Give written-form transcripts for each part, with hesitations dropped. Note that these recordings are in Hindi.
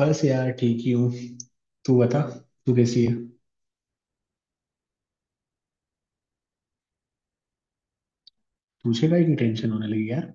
बस यार ठीक ही हूँ। तू बता, तू कैसी है। तुझे का की टेंशन होने लगी यार।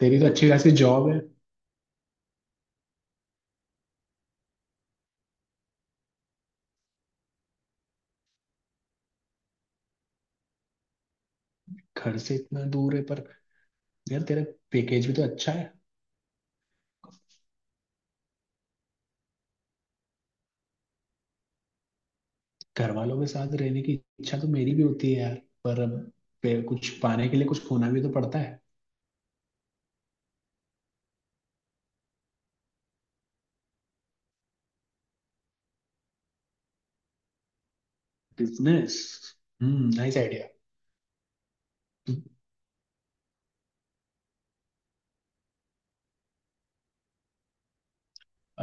तेरी तो अच्छी खासी जॉब है। घर से इतना दूर है पर यार तेरा पैकेज भी तो अच्छा है। घर वालों के साथ रहने की इच्छा तो मेरी भी होती है यार, पर अब कुछ पाने के लिए कुछ खोना भी तो पड़ता है। बिजनेस? हम्म, नाइस आइडिया।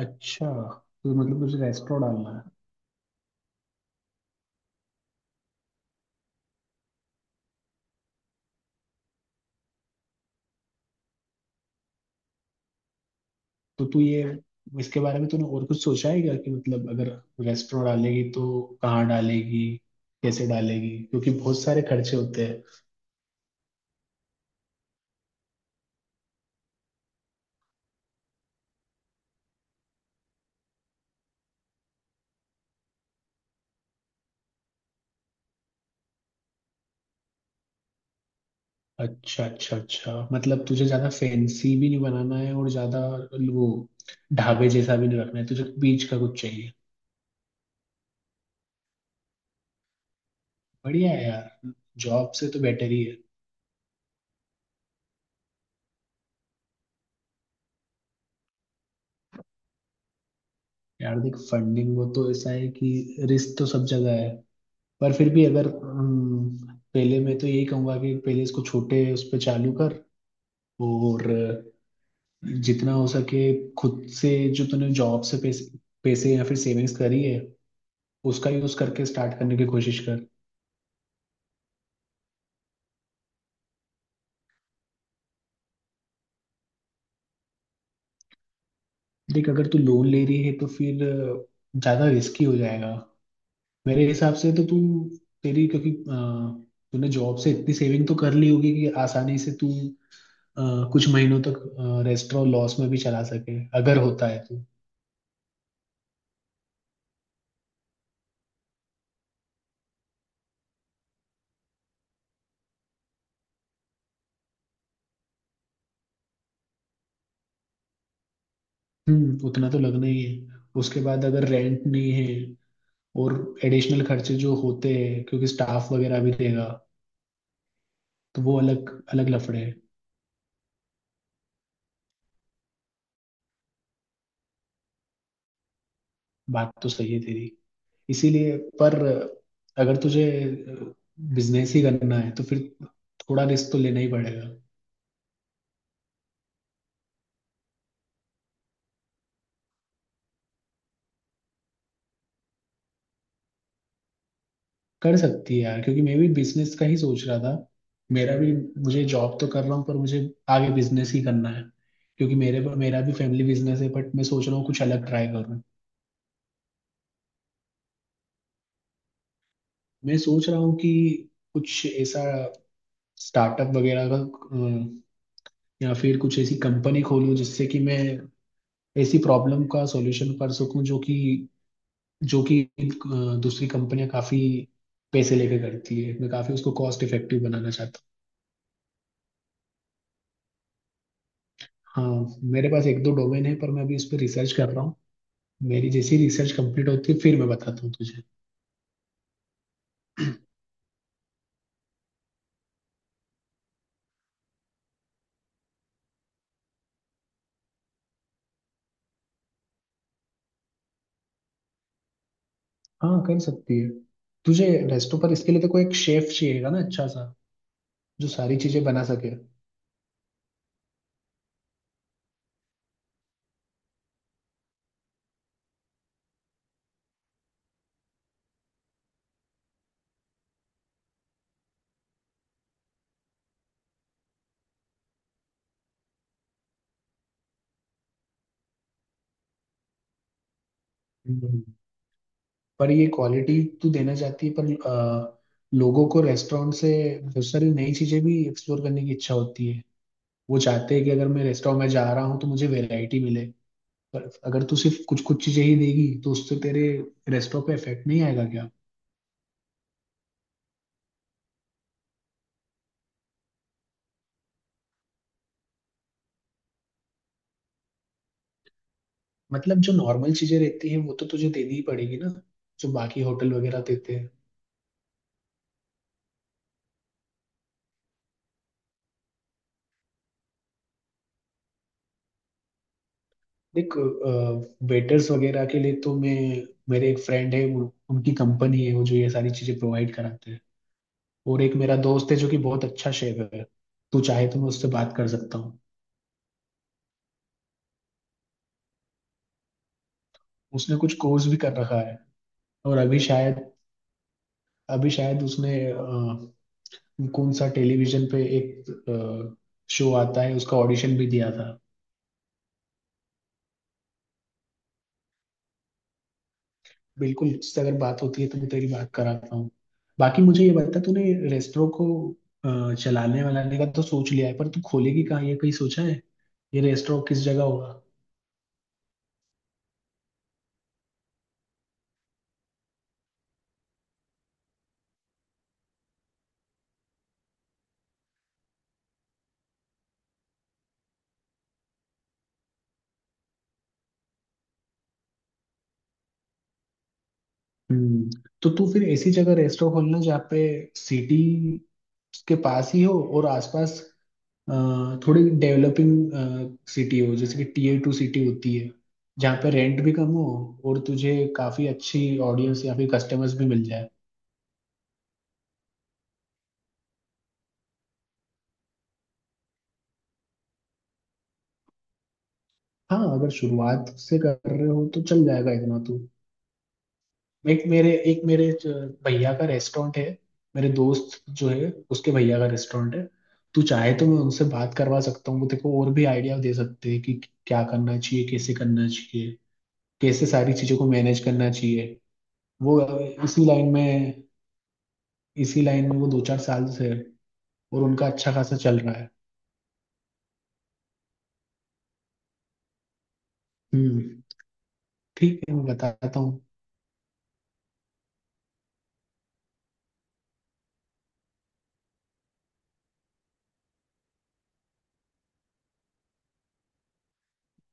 अच्छा, तो मतलब तुझे रेस्टोरेंट डालना। तो तू ये, इसके बारे में तूने और कुछ सोचा है क्या कि मतलब अगर रेस्टोरेंट डालेगी तो कहाँ डालेगी, कैसे डालेगी, क्योंकि बहुत सारे खर्चे होते हैं। अच्छा अच्छा अच्छा, मतलब तुझे ज्यादा फैंसी भी नहीं बनाना है और ज्यादा वो ढाबे जैसा भी नहीं रखना है, तुझे बीच का कुछ चाहिए। बढ़िया है यार, जॉब से तो बेटर ही है। यार देख, फंडिंग वो तो ऐसा है कि रिस्क तो सब जगह है पर फिर भी अगर पहले मैं तो यही कहूंगा कि पहले इसको छोटे उस पर चालू कर, और जितना हो सके खुद से, जो तूने जॉब से पैसे पैसे या फिर सेविंग्स करी है उसका यूज करके स्टार्ट करने की कोशिश कर। देख अगर तू लोन ले रही है तो फिर ज्यादा रिस्की हो जाएगा। मेरे हिसाब से तो तू, तेरी क्योंकि तूने जॉब से इतनी सेविंग तो कर ली होगी कि आसानी से तू अ, कुछ महीनों तक रेस्टोरेंट लॉस में भी चला सके अगर होता है तो। हम्म, उतना तो लगना ही है। उसके बाद अगर रेंट नहीं है, और एडिशनल खर्चे जो होते हैं क्योंकि स्टाफ वगैरह भी देगा, तो वो अलग अलग लफड़े हैं। बात तो सही है तेरी, इसीलिए पर अगर तुझे बिजनेस ही करना है तो फिर थोड़ा रिस्क तो लेना ही पड़ेगा। कर सकती है यार, क्योंकि मैं भी बिजनेस का ही सोच रहा था। मेरा भी, मुझे जॉब तो कर रहा हूँ पर मुझे आगे बिजनेस ही करना है, क्योंकि मेरे मेरा भी फैमिली बिजनेस है, बट मैं सोच रहा हूँ कुछ अलग ट्राई करूँ। मैं सोच रहा हूँ कि कुछ ऐसा स्टार्टअप वगैरह का या फिर कुछ ऐसी कंपनी खोलूँ जिससे कि मैं ऐसी प्रॉब्लम का सॉल्यूशन कर सकूं जो कि दूसरी कंपनियां काफी पैसे लेके करती है। मैं काफी उसको कॉस्ट इफेक्टिव बनाना चाहता हूँ। हाँ, मेरे पास एक दो डोमेन है पर मैं अभी उस पर रिसर्च कर रहा हूँ। मेरी जैसी रिसर्च कंप्लीट होती है फिर मैं बताता हूँ तुझे। हाँ कर सकती है, तुझे रेस्टो पर इसके लिए तो कोई एक शेफ चाहिएगा ना अच्छा सा, जो सारी चीजें बना सके। हम्म। पर ये क्वालिटी तू देना चाहती है पर लोगों को रेस्टोरेंट से बहुत सारी नई चीजें भी एक्सप्लोर करने की इच्छा होती है। वो चाहते हैं कि अगर मैं रेस्टोरेंट में जा रहा हूँ तो मुझे वैरायटी मिले, पर अगर तू सिर्फ कुछ कुछ चीजें ही देगी तो उससे तेरे रेस्टोरेंट पे इफेक्ट नहीं आएगा क्या। मतलब जो नॉर्मल चीजें रहती हैं वो तो तुझे देनी ही पड़ेगी ना, जो बाकी होटल वगैरह देते हैं। देख, वेटर्स वगैरह के लिए तो मैं, मेरे एक फ्रेंड है उनकी कंपनी है वो जो ये सारी चीजें प्रोवाइड कराते हैं। और एक मेरा दोस्त है जो कि बहुत अच्छा शेफ है, तू चाहे तो मैं उससे बात कर सकता हूँ। उसने कुछ कोर्स भी कर रखा है और अभी शायद उसने कौन सा टेलीविजन पे एक शो आता है उसका ऑडिशन भी दिया था। बिल्कुल, इससे अगर बात होती है तो मैं तेरी बात कराता हूँ। बाकी मुझे ये बता, तूने रेस्टोरों को चलाने वालाने का तो सोच लिया है पर तू खोलेगी कहाँ ये कहीं सोचा है, ये रेस्टोरों किस जगह होगा। हम्म, तो तू फिर ऐसी जगह रेस्टोरेंट खोलना जहाँ पे सिटी के पास ही हो और आसपास अ, थोड़ी डेवलपिंग सिटी हो, जैसे कि टीयर टू सिटी होती है, जहाँ पे रेंट भी कम हो और तुझे काफी अच्छी ऑडियंस या फिर कस्टमर्स भी मिल जाए। हाँ, अगर शुरुआत से कर रहे हो तो चल जाएगा इतना तो। एक मेरे एक मेरे ज- भैया का रेस्टोरेंट है। मेरे दोस्त जो है, उसके भैया का रेस्टोरेंट है, तू चाहे तो मैं उनसे बात करवा सकता हूँ। वो तेको और भी आइडिया दे सकते हैं कि क्या करना चाहिए, कैसे करना चाहिए, कैसे सारी चीजों को मैनेज करना चाहिए। वो इसी लाइन में वो दो चार साल से है और उनका अच्छा खासा चल रहा है। हम्म। ठीक है, मैं बताता हूँ।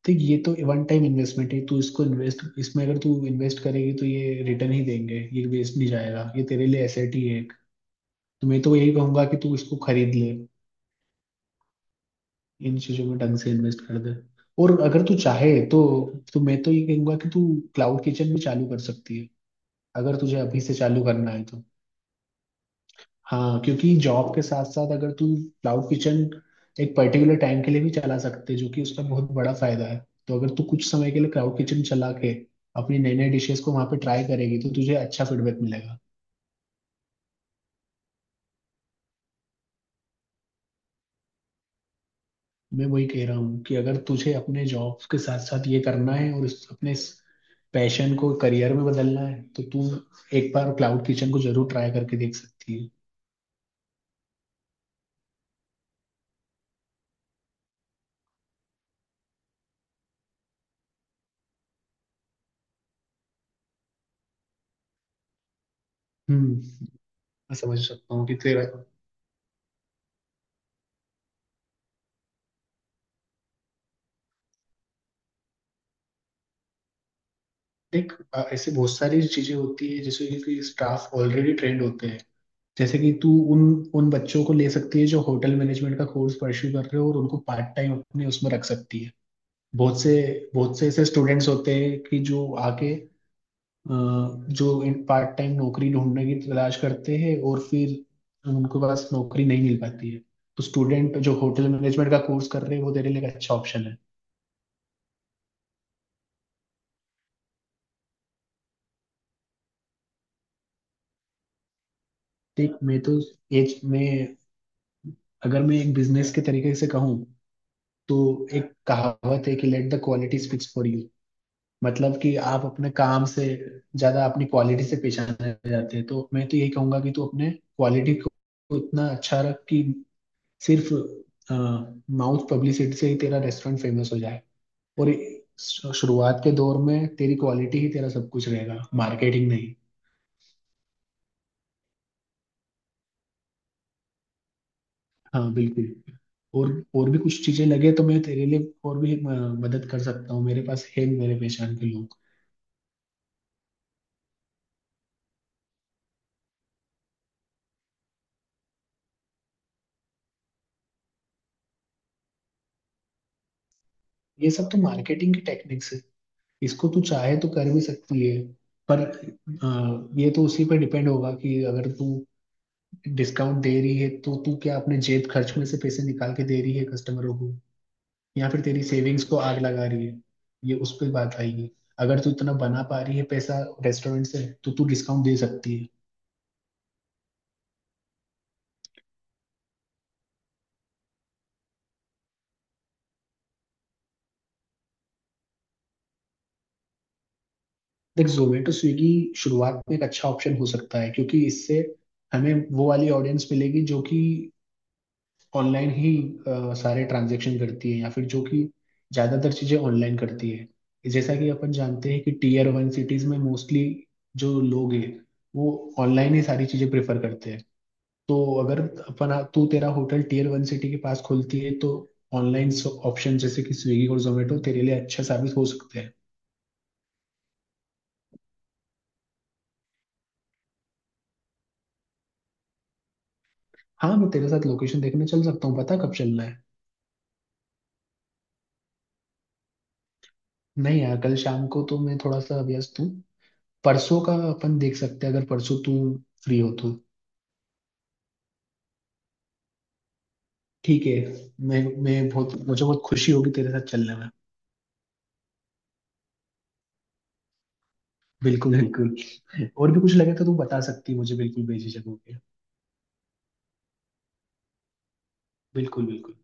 ठीक, ये तो वन टाइम इन्वेस्टमेंट है। तू इसको इन्वेस्ट, इसमें अगर तू इन्वेस्ट करेगी तो ये रिटर्न ही देंगे, ये वेस्ट नहीं जाएगा, ये तेरे लिए एसेट ही है। तो मैं तो यही कहूंगा कि तू इसको खरीद ले, इन चीजों में ढंग से इन्वेस्ट कर दे। और अगर तू चाहे तो मैं तो ये कहूंगा कि तू क्लाउड किचन भी चालू कर सकती है। अगर तुझे अभी से चालू करना है तो हाँ, क्योंकि जॉब के साथ साथ अगर तू क्लाउड किचन एक पर्टिकुलर टाइम के लिए भी चला सकते है, जो कि उसका बहुत बड़ा फायदा है। तो अगर तू कुछ समय के लिए क्लाउड किचन चला के अपनी नई नई डिशेस को वहां पे ट्राई करेगी तो तुझे अच्छा फीडबैक मिलेगा। मैं वही कह रहा हूँ कि अगर तुझे अपने जॉब के साथ साथ ये करना है और अपने पैशन को करियर में बदलना है तो तू एक बार क्लाउड किचन को जरूर ट्राई करके देख सकती है। हम्म। मैं समझ सकता हूँ कि तेरा। देख ऐसे बहुत सारी चीजें होती है जैसे कि स्टाफ ऑलरेडी ट्रेंड होते हैं। जैसे कि तू उन उन बच्चों को ले सकती है जो होटल मैनेजमेंट का कोर्स परस्यू कर रहे हो और उनको पार्ट टाइम अपने उसमें रख सकती है। बहुत से बहुत से ऐसे स्टूडेंट्स होते हैं कि जो आके अ, जो इन पार्ट टाइम नौकरी ढूंढने की तलाश करते हैं और फिर उनके पास नौकरी नहीं मिल पाती है। तो स्टूडेंट जो होटल मैनेजमेंट का कोर्स कर रहे हैं वो तेरे लिए एक अच्छा ऑप्शन है। देख, मैं तो एज में, अगर मैं एक बिजनेस के तरीके से कहूँ तो, एक कहावत है कि let the quality speaks for you. मतलब कि आप अपने काम से ज्यादा अपनी क्वालिटी से पहचाने जाते हैं। तो मैं तो यही कहूंगा कि तू अपने क्वालिटी को इतना अच्छा रख कि सिर्फ माउथ पब्लिसिटी से ही तेरा रेस्टोरेंट फेमस हो जाए। और शुरुआत के दौर में तेरी क्वालिटी ही तेरा सब कुछ रहेगा, मार्केटिंग नहीं। हाँ बिल्कुल। और और भी कुछ चीजें लगे तो मैं तेरे लिए और भी मदद कर सकता हूँ, मेरे पास है मेरे पहचान के लोग। ये सब तो मार्केटिंग की टेक्निक्स है, इसको तू चाहे तो कर भी सकती है। पर ये तो उसी पर डिपेंड होगा कि अगर तू डिस्काउंट दे रही है तो तू क्या अपने जेब खर्च में से पैसे निकाल के दे रही है कस्टमरों को, या फिर तेरी सेविंग्स को आग लगा रही है, ये उस पर बात आएगी। अगर तू इतना बना पा रही है पैसा रेस्टोरेंट से तो तू डिस्काउंट दे सकती है। देख, जोमेटो स्विगी शुरुआत में एक अच्छा ऑप्शन हो सकता है, क्योंकि इससे हमें वो वाली ऑडियंस मिलेगी जो कि ऑनलाइन ही सारे ट्रांजेक्शन करती है या फिर जो कि ज़्यादातर चीज़ें ऑनलाइन करती है। जैसा कि अपन जानते हैं कि टीयर वन सिटीज़ में मोस्टली जो लोग हैं वो ऑनलाइन ही सारी चीज़ें प्रेफर करते हैं। तो अगर अपना तू तेरा होटल टीयर वन सिटी के पास खुलती है तो ऑनलाइन ऑप्शन जैसे कि स्विगी और जोमेटो तेरे लिए अच्छा साबित हो सकते हैं। हाँ, मैं तेरे साथ लोकेशन देखने चल सकता हूँ, पता कब चलना है। नहीं यार, कल शाम को तो मैं थोड़ा सा व्यस्त हूँ, परसों का अपन देख सकते हैं, अगर परसों तू फ्री हो तो। ठीक है, मैं बहुत, मुझे बहुत खुशी होगी तेरे साथ चलने में। बिल्कुल बिल्कुल। और भी कुछ लगे तो तू बता सकती है मुझे, बिल्कुल भेजी जगहों पे। बिल्कुल बिल्कुल।